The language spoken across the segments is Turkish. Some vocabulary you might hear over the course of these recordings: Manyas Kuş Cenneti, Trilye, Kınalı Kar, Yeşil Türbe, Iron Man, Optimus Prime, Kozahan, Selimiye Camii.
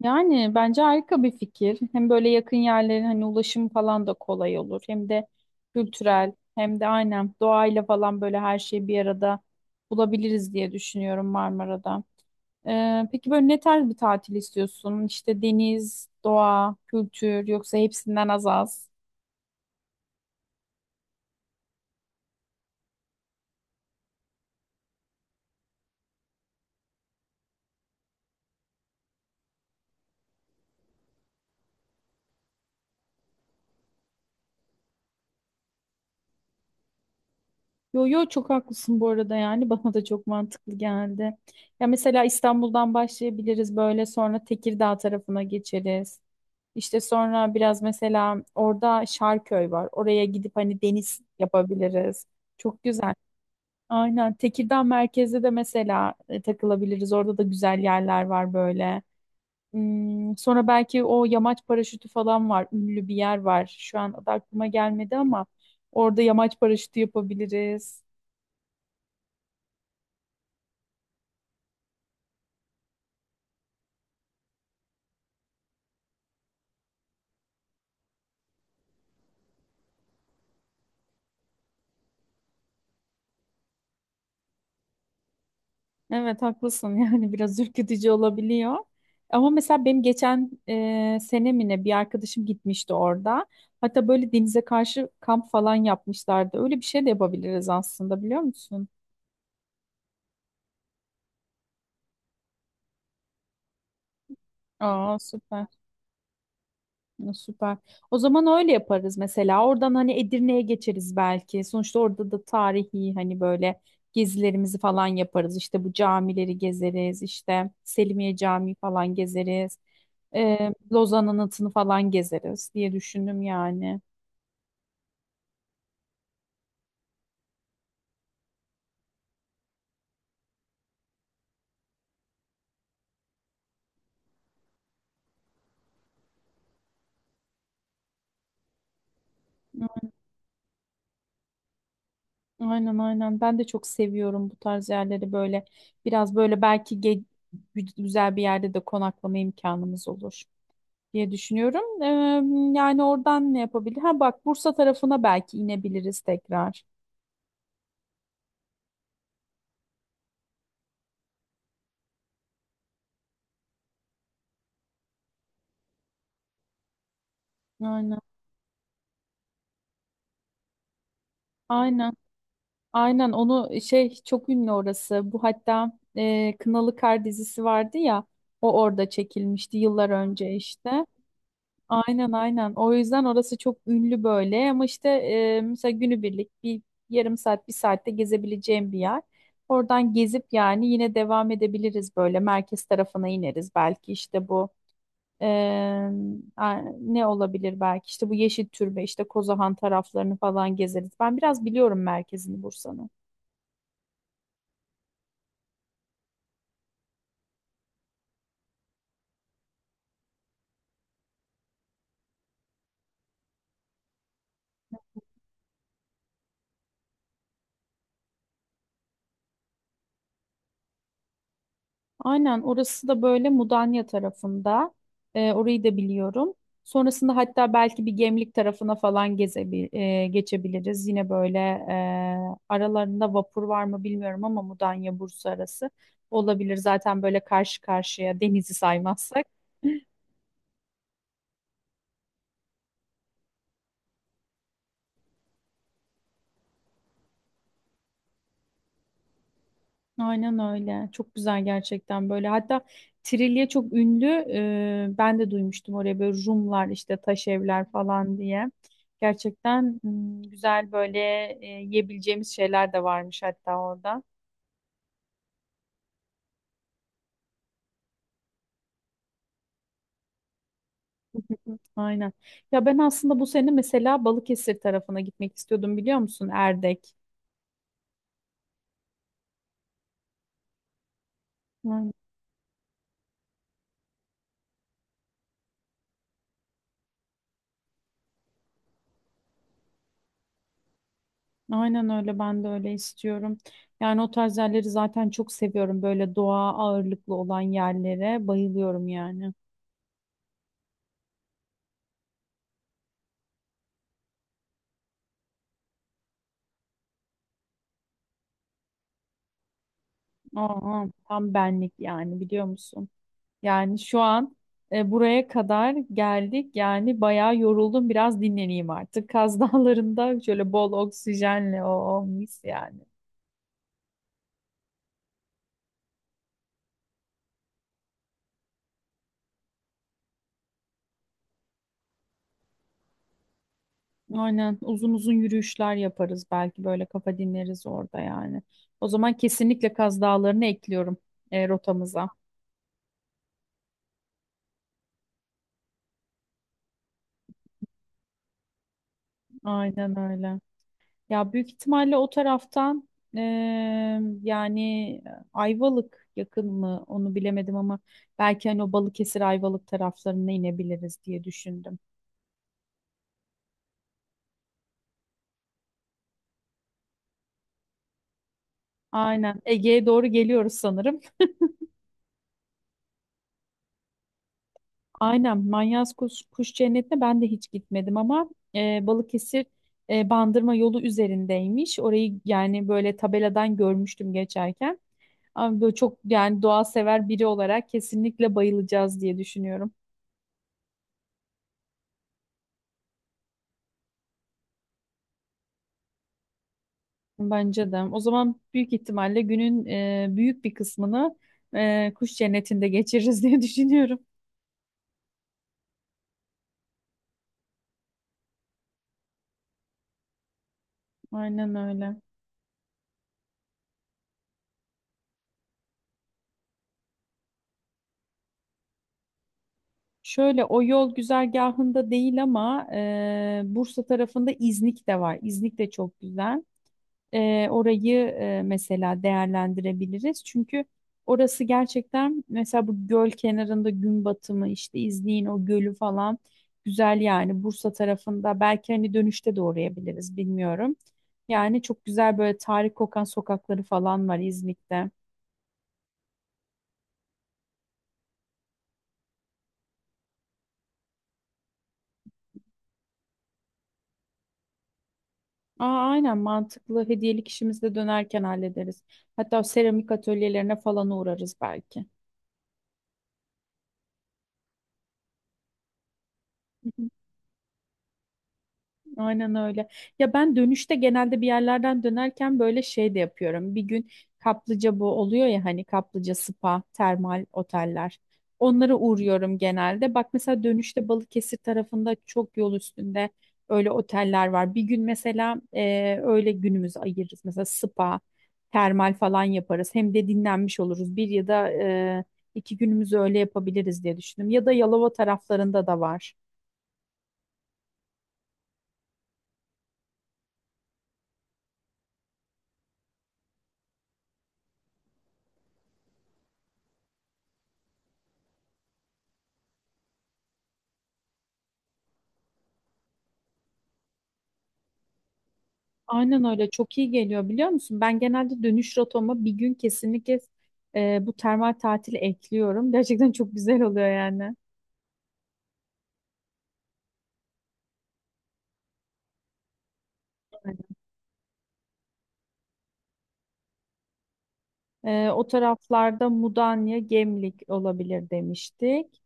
Yani bence harika bir fikir. Hem böyle yakın yerlerin hani ulaşım falan da kolay olur. Hem de kültürel hem de aynen doğayla falan böyle her şeyi bir arada bulabiliriz diye düşünüyorum Marmara'da. Peki böyle ne tarz bir tatil istiyorsun? İşte deniz, doğa, kültür yoksa hepsinden az az? Yo yo, çok haklısın bu arada, yani bana da çok mantıklı geldi. Ya mesela İstanbul'dan başlayabiliriz, böyle sonra Tekirdağ tarafına geçeriz. İşte sonra biraz mesela orada Şarköy var. Oraya gidip hani deniz yapabiliriz. Çok güzel. Aynen Tekirdağ merkezde de mesela takılabiliriz. Orada da güzel yerler var böyle. Sonra belki o yamaç paraşütü falan var. Ünlü bir yer var. Şu an adı aklıma gelmedi ama orada yamaç paraşütü yapabiliriz. Evet, haklısın, yani biraz ürkütücü olabiliyor. Ama mesela benim geçen sene mi ne bir arkadaşım gitmişti orada. Hatta böyle denize karşı kamp falan yapmışlardı. Öyle bir şey de yapabiliriz aslında, biliyor musun? Aa, süper. Ya, süper. O zaman öyle yaparız mesela. Oradan hani Edirne'ye geçeriz belki. Sonuçta orada da tarihi hani böyle gezilerimizi falan yaparız. İşte bu camileri gezeriz. İşte Selimiye Camii falan gezeriz. Lozan Anıtı'nı falan gezeriz diye düşündüm yani. Aynen, aynen. Ben de çok seviyorum bu tarz yerleri böyle. Biraz böyle belki güzel bir yerde de konaklama imkanımız olur diye düşünüyorum. Yani oradan ne yapabilir? Ha bak, Bursa tarafına belki inebiliriz tekrar. Aynen. Aynen. Aynen, onu şey, çok ünlü orası. Bu hatta Kınalı Kar dizisi vardı ya. O orada çekilmişti yıllar önce işte. Aynen, aynen. O yüzden orası çok ünlü böyle, ama işte mesela günübirlik bir yarım saat bir saatte gezebileceğim bir yer. Oradan gezip yani yine devam edebiliriz, böyle merkez tarafına ineriz belki işte bu. Eee, Ne olabilir, belki işte bu Yeşil Türbe, işte Kozahan taraflarını falan gezeriz. Ben biraz biliyorum merkezini Bursa'nın. Aynen, orası da böyle Mudanya tarafında. Orayı da biliyorum. Sonrasında hatta belki bir Gemlik tarafına falan gezebi geçebiliriz. Yine böyle aralarında vapur var mı bilmiyorum, ama Mudanya Bursa arası olabilir. Zaten böyle karşı karşıya, denizi saymazsak. Aynen öyle. Çok güzel gerçekten böyle. Hatta Trilye çok ünlü. Ben de duymuştum oraya böyle, Rumlar işte taş evler falan diye. Gerçekten güzel böyle yiyebileceğimiz şeyler de varmış hatta orada. Aynen. Ya ben aslında bu sene mesela Balıkesir tarafına gitmek istiyordum, biliyor musun? Erdek. Aynen, aynen öyle, ben de öyle istiyorum. Yani o tarz yerleri zaten çok seviyorum. Böyle doğa ağırlıklı olan yerlere bayılıyorum yani. Aa, tam benlik yani, biliyor musun? Yani şu an buraya kadar geldik. Yani bayağı yoruldum. Biraz dinleneyim artık. Kaz Dağları'nda şöyle bol oksijenle o mis yani. Aynen, uzun uzun yürüyüşler yaparız belki, böyle kafa dinleriz orada yani. O zaman kesinlikle Kaz Dağları'nı ekliyorum rotamıza. Aynen öyle. Ya büyük ihtimalle o taraftan yani Ayvalık yakın mı onu bilemedim, ama belki hani o Balıkesir Ayvalık taraflarına inebiliriz diye düşündüm. Aynen, Ege'ye doğru geliyoruz sanırım. Aynen, Manyas Kuş Cenneti'ne ben de hiç gitmedim, ama Balıkesir Bandırma yolu üzerindeymiş. Orayı yani böyle tabeladan görmüştüm geçerken. Ama böyle çok yani, doğa sever biri olarak kesinlikle bayılacağız diye düşünüyorum. Bence de. O zaman büyük ihtimalle günün büyük bir kısmını kuş cennetinde geçiririz diye düşünüyorum. Aynen öyle. Şöyle, o yol güzergahında değil ama Bursa tarafında İznik de var. İznik de çok güzel. Orayı mesela değerlendirebiliriz. Çünkü orası gerçekten mesela bu göl kenarında gün batımı işte, izleyin o gölü falan, güzel yani Bursa tarafında, belki hani dönüşte de uğrayabiliriz bilmiyorum. Yani çok güzel böyle tarih kokan sokakları falan var İznik'te. Aa, aynen, mantıklı, hediyelik işimizi de dönerken hallederiz. Hatta o seramik atölyelerine falan uğrarız belki. Aynen öyle. Ya ben dönüşte genelde bir yerlerden dönerken böyle şey de yapıyorum. Bir gün kaplıca bu oluyor ya hani, kaplıca, spa, termal oteller. Onlara uğruyorum genelde. Bak mesela dönüşte Balıkesir tarafında çok yol üstünde öyle oteller var. Bir gün mesela öyle günümüzü ayırırız. Mesela spa, termal falan yaparız. Hem de dinlenmiş oluruz. Bir ya da iki günümüzü öyle yapabiliriz diye düşündüm. Ya da Yalova taraflarında da var. Aynen öyle, çok iyi geliyor, biliyor musun? Ben genelde dönüş rotama bir gün kesinlikle bu termal tatili ekliyorum. Gerçekten çok güzel oluyor yani. O taraflarda Mudanya, Gemlik olabilir demiştik.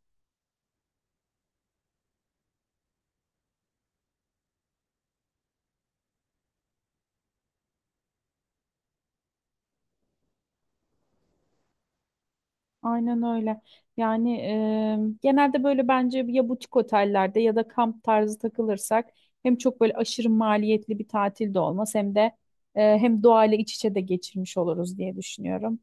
Aynen öyle. Yani genelde böyle bence ya butik otellerde ya da kamp tarzı takılırsak, hem çok böyle aşırı maliyetli bir tatil de olmaz, hem de hem doğayla iç içe de geçirmiş oluruz diye düşünüyorum.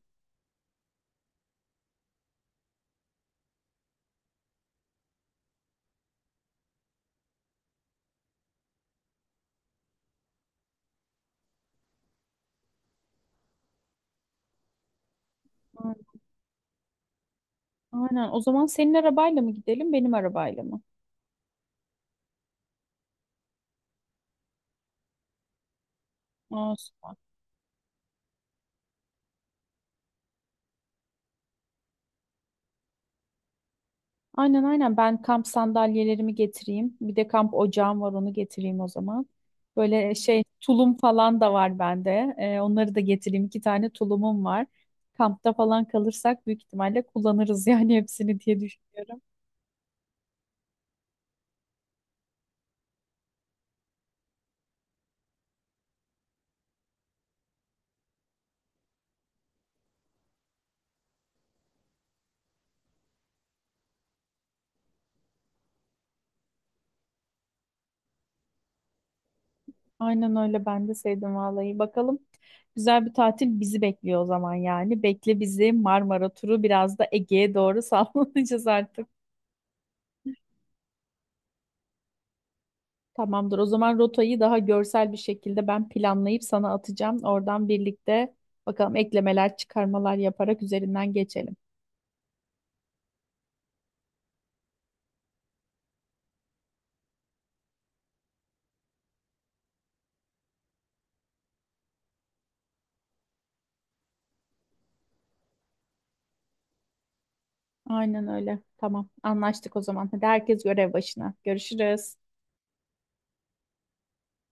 Aynen. Aynen. O zaman senin arabayla mı gidelim, benim arabayla mı? Olsun. Aynen, aynen, ben kamp sandalyelerimi getireyim. Bir de kamp ocağım var, onu getireyim o zaman. Böyle şey, tulum falan da var bende. Onları da getireyim. İki tane tulumum var. Kampta falan kalırsak büyük ihtimalle kullanırız yani hepsini diye düşünüyorum. Aynen öyle, ben de sevdim vallahi. Bakalım, güzel bir tatil bizi bekliyor o zaman yani. Bekle bizi Marmara turu, biraz da Ege'ye doğru sallanacağız artık. Tamamdır. O zaman rotayı daha görsel bir şekilde ben planlayıp sana atacağım. Oradan birlikte bakalım, eklemeler, çıkarmalar yaparak üzerinden geçelim. Aynen öyle. Tamam. Anlaştık o zaman. Hadi herkes görev başına. Görüşürüz.